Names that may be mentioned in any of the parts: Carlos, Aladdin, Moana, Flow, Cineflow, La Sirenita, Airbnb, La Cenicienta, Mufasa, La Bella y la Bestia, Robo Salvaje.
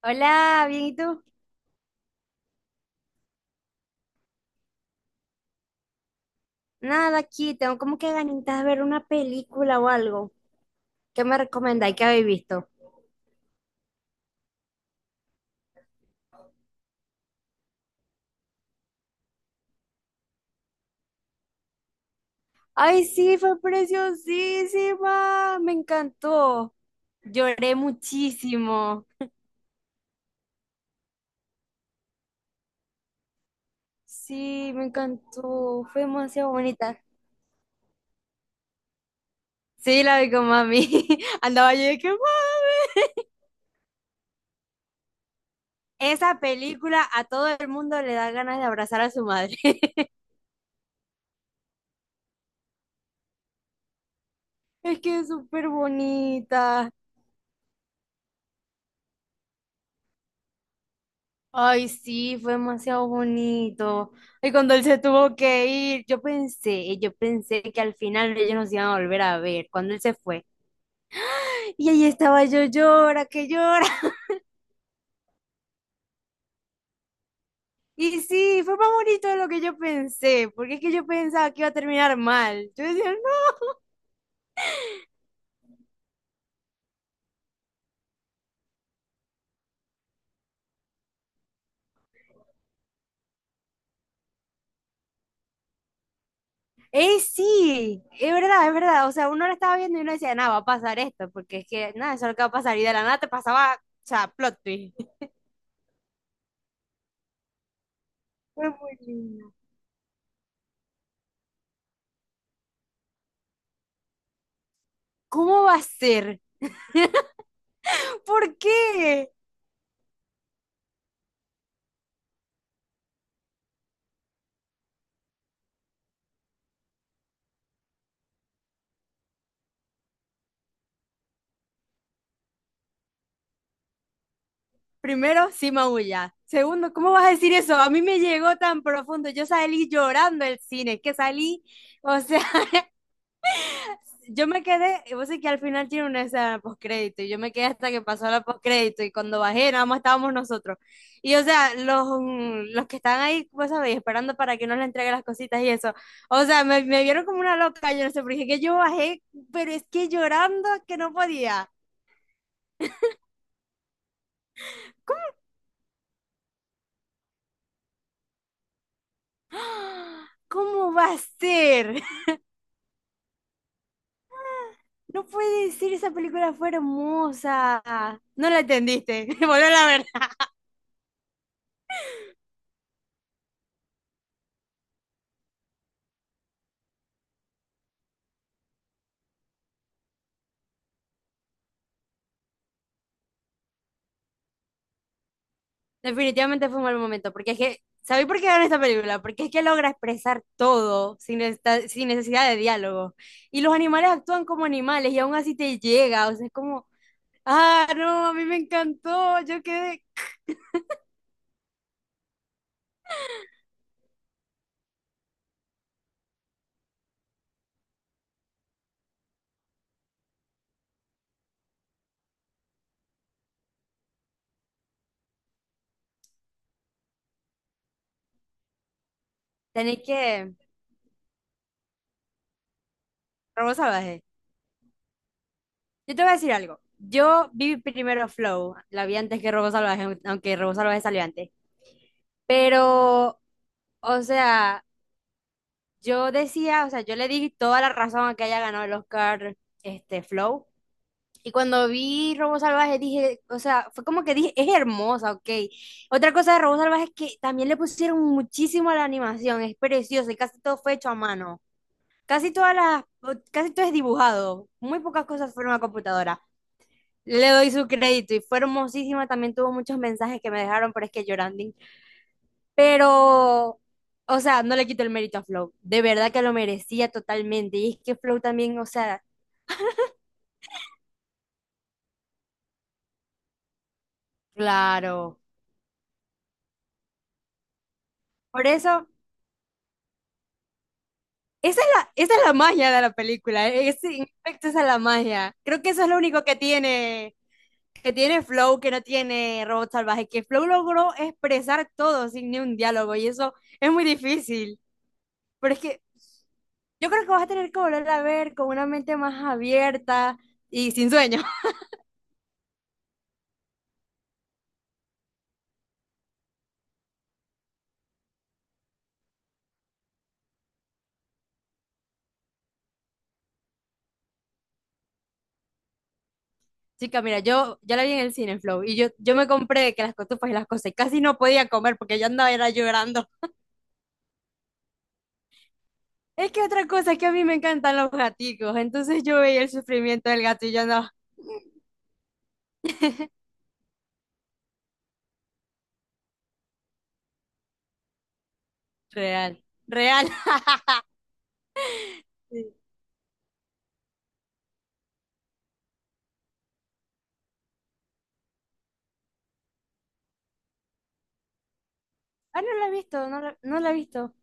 Hola, bien, ¿y tú? Nada, aquí tengo como que ganitas de ver una película o algo. ¿Qué me recomendáis que habéis visto? Ay, sí, fue preciosísima, me encantó. Lloré muchísimo. Sí, me encantó, fue demasiado bonita. Sí, la vi con mami. Andaba yo de que, "Mami". Esa película a todo el mundo le da ganas de abrazar a su madre. Es que es súper bonita. Ay, sí, fue demasiado bonito. Y cuando él se tuvo que ir, yo pensé que al final ellos nos iban a volver a ver cuando él se fue. Y ahí estaba yo, llora, que llora. Y sí, fue más bonito de lo que yo pensé, porque es que yo pensaba que iba a terminar mal. Yo decía, no. Sí, es verdad, es verdad. O sea, uno lo estaba viendo y uno decía, nada, va a pasar esto, porque es que, nada, eso es lo que va a pasar. Y de la nada te pasaba, o sea, plot twist. Fue muy lindo. ¿Cómo va a ser? ¿Por qué? Primero, sí maulla. Segundo, ¿cómo vas a decir eso? A mí me llegó tan profundo. Yo salí llorando del cine, es que salí, o sea, yo me quedé, vos sé que al final tiene una escena postcrédito, y yo me quedé hasta que pasó la postcrédito, y cuando bajé, nada más estábamos nosotros. Y o sea, los, los que están ahí, vos sabéis, esperando para que nos le entregue las cositas y eso. O sea, me vieron como una loca, yo no sé, porque dije que yo bajé, pero es que llorando que no podía. ¿Cómo va a ser? No puede ser, esa película fue hermosa. No la entendiste, volver a ver. Definitivamente fue un mal momento, porque es que, ¿sabéis por qué ganó esta película? Porque es que logra expresar todo sin, sin necesidad de diálogo. Y los animales actúan como animales y aún así te llega, o sea, es como, ah, no, a mí me encantó, yo quedé... Tenéis que... Robo Salvaje. Yo te voy a decir algo. Yo vi primero Flow, la vi antes que Robo Salvaje, aunque Robo Salvaje salió antes. Pero, o sea... Yo decía, o sea, yo le di toda la razón a que haya ganado el Oscar, este, Flow. Y cuando vi Robo Salvaje dije, o sea, fue como que dije, es hermosa, ok. Otra cosa de Robo Salvaje es que también le pusieron muchísimo a la animación, es precioso y casi todo fue hecho a mano. Casi todas las, casi todo es dibujado, muy pocas cosas fueron a computadora. Le doy su crédito y fue hermosísima, también tuvo muchos mensajes que me dejaron, pero es que llorando pero, o sea, no le quito el mérito a Flow. De verdad que lo merecía totalmente. Y es que Flow también, o sea, Claro. Por eso, esa es la magia de la película. Es, en efecto, esa es la magia. Creo que eso es lo único que tiene Flow, que no tiene Robot Salvaje, que Flow logró expresar todo sin ni un diálogo. Y eso es muy difícil. Pero es que yo creo que vas a tener que volver a ver con una mente más abierta y sin sueño. Chica, mira, yo ya la vi en el Cineflow y yo me compré que las cotufas y las cosas y casi no podía comer porque yo andaba era llorando. Es que otra cosa es que a mí me encantan los gaticos, entonces yo veía el sufrimiento del gato y yo andaba, real, real. Sí. Ah, no la he visto, no la he visto.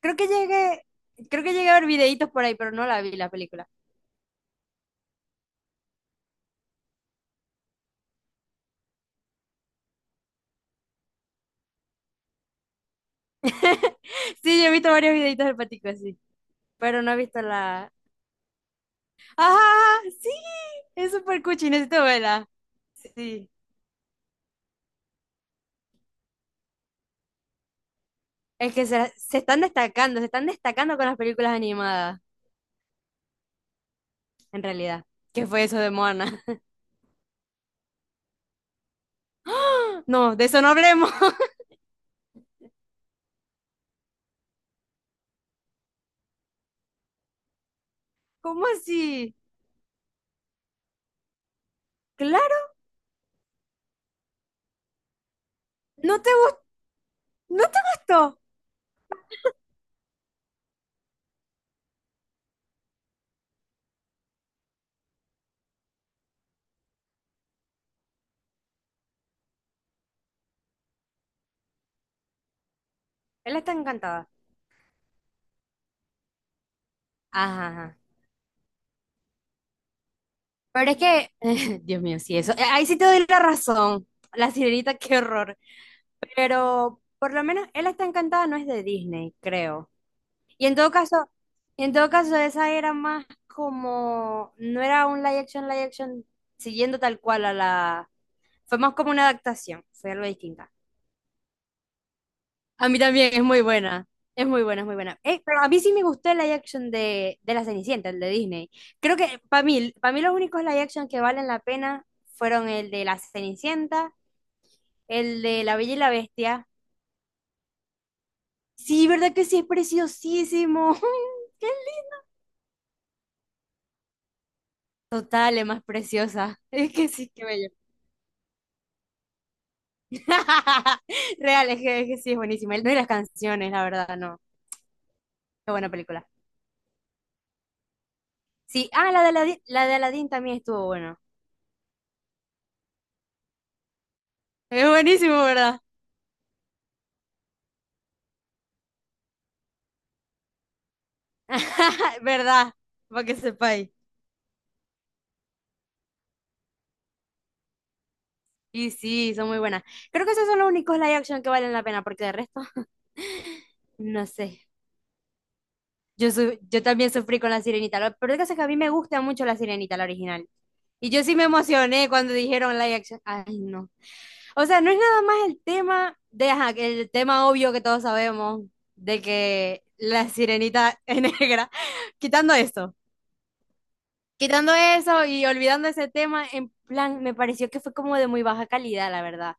Creo que llegué, creo que llegué a ver videitos por ahí, pero no la vi la película. Sí, yo he visto varios videitos del patico así, pero no he visto la... ¡Ajá! Sí, es súper cuchi, necesito verla. Sí. Es que se están destacando con las películas animadas, en realidad. ¿Qué fue eso de Moana? No, de eso no hablemos. ¿Cómo así? Claro, no te gustó, no te gustó. Él está encantada. Ajá, ajá. Pero es que, Dios mío, sí, eso. Ahí sí te doy la razón. La sirenita, qué horror. Pero por lo menos él está encantada, no es de Disney, creo. Y en todo caso, y en todo caso, esa era más como, no era un live action, siguiendo tal cual a la, fue más como una adaptación, fue algo distinta. A mí también es muy buena, es muy buena, es muy buena. Pero a mí sí me gustó el live action de La Cenicienta, el de Disney. Creo que para mí los únicos live action que valen la pena fueron el de La Cenicienta, el de La Bella y la Bestia. Sí, ¿verdad que sí? Es preciosísimo. Total, es más preciosa. Es que sí, que bello. Real, es que sí, es buenísima. No, y las canciones, la verdad, no. Qué buena película. Sí, ah, la de Aladdin también estuvo bueno. Es buenísimo, ¿verdad? ¿Verdad? Para que sepáis. Y sí, son muy buenas. Creo que esos son los únicos live action que valen la pena, porque de resto, no sé. Yo, yo también sufrí con la Sirenita. Pero el caso es que a mí me gusta mucho la Sirenita, la original. Y yo sí me emocioné cuando dijeron live action. Ay, no. O sea, no es nada más el tema de, ajá, que el tema obvio que todos sabemos, de que la sirenita es negra, quitando esto, quitando eso y olvidando ese tema, en plan, me pareció que fue como de muy baja calidad, la verdad.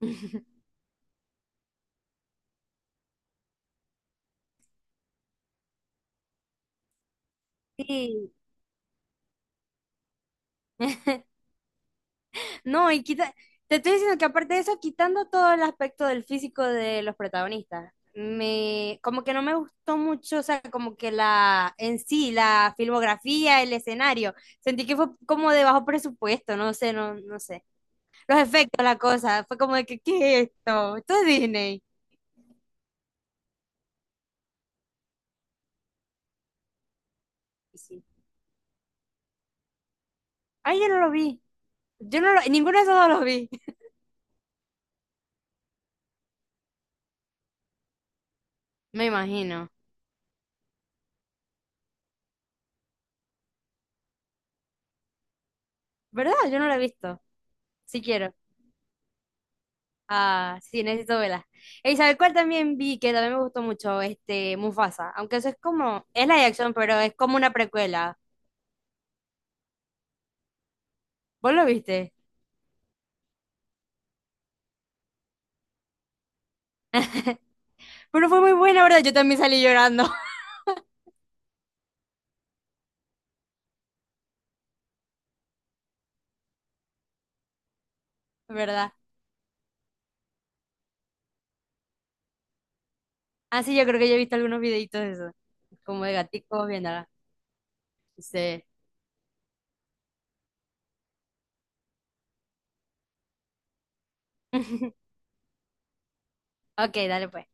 Sí. No, y quita, te estoy diciendo que aparte de eso, quitando todo el aspecto del físico de los protagonistas, me, como que no me gustó mucho, o sea, como que la, en sí, la filmografía, el escenario, sentí que fue como de bajo presupuesto, no sé, no, no sé. Los efectos, la cosa, fue como de que, ¿qué es esto? Esto es Disney. Y sí. Ay, yo no lo vi. Yo no lo, ninguno de esos dos los vi. Me imagino. ¿Verdad? Yo no lo he visto. Si quiero. Ah, sí, necesito verla. ¿Y sabe cuál también vi que también me gustó mucho? Este, Mufasa. Aunque eso es como, es la de acción, pero es como una precuela. ¿Vos lo viste? Pero fue muy buena, ¿verdad? Yo también salí llorando, ¿verdad? Ah, sí, yo creo que yo he visto algunos videitos de eso. Como de gaticos viéndola. Sí. Ok, dale pues.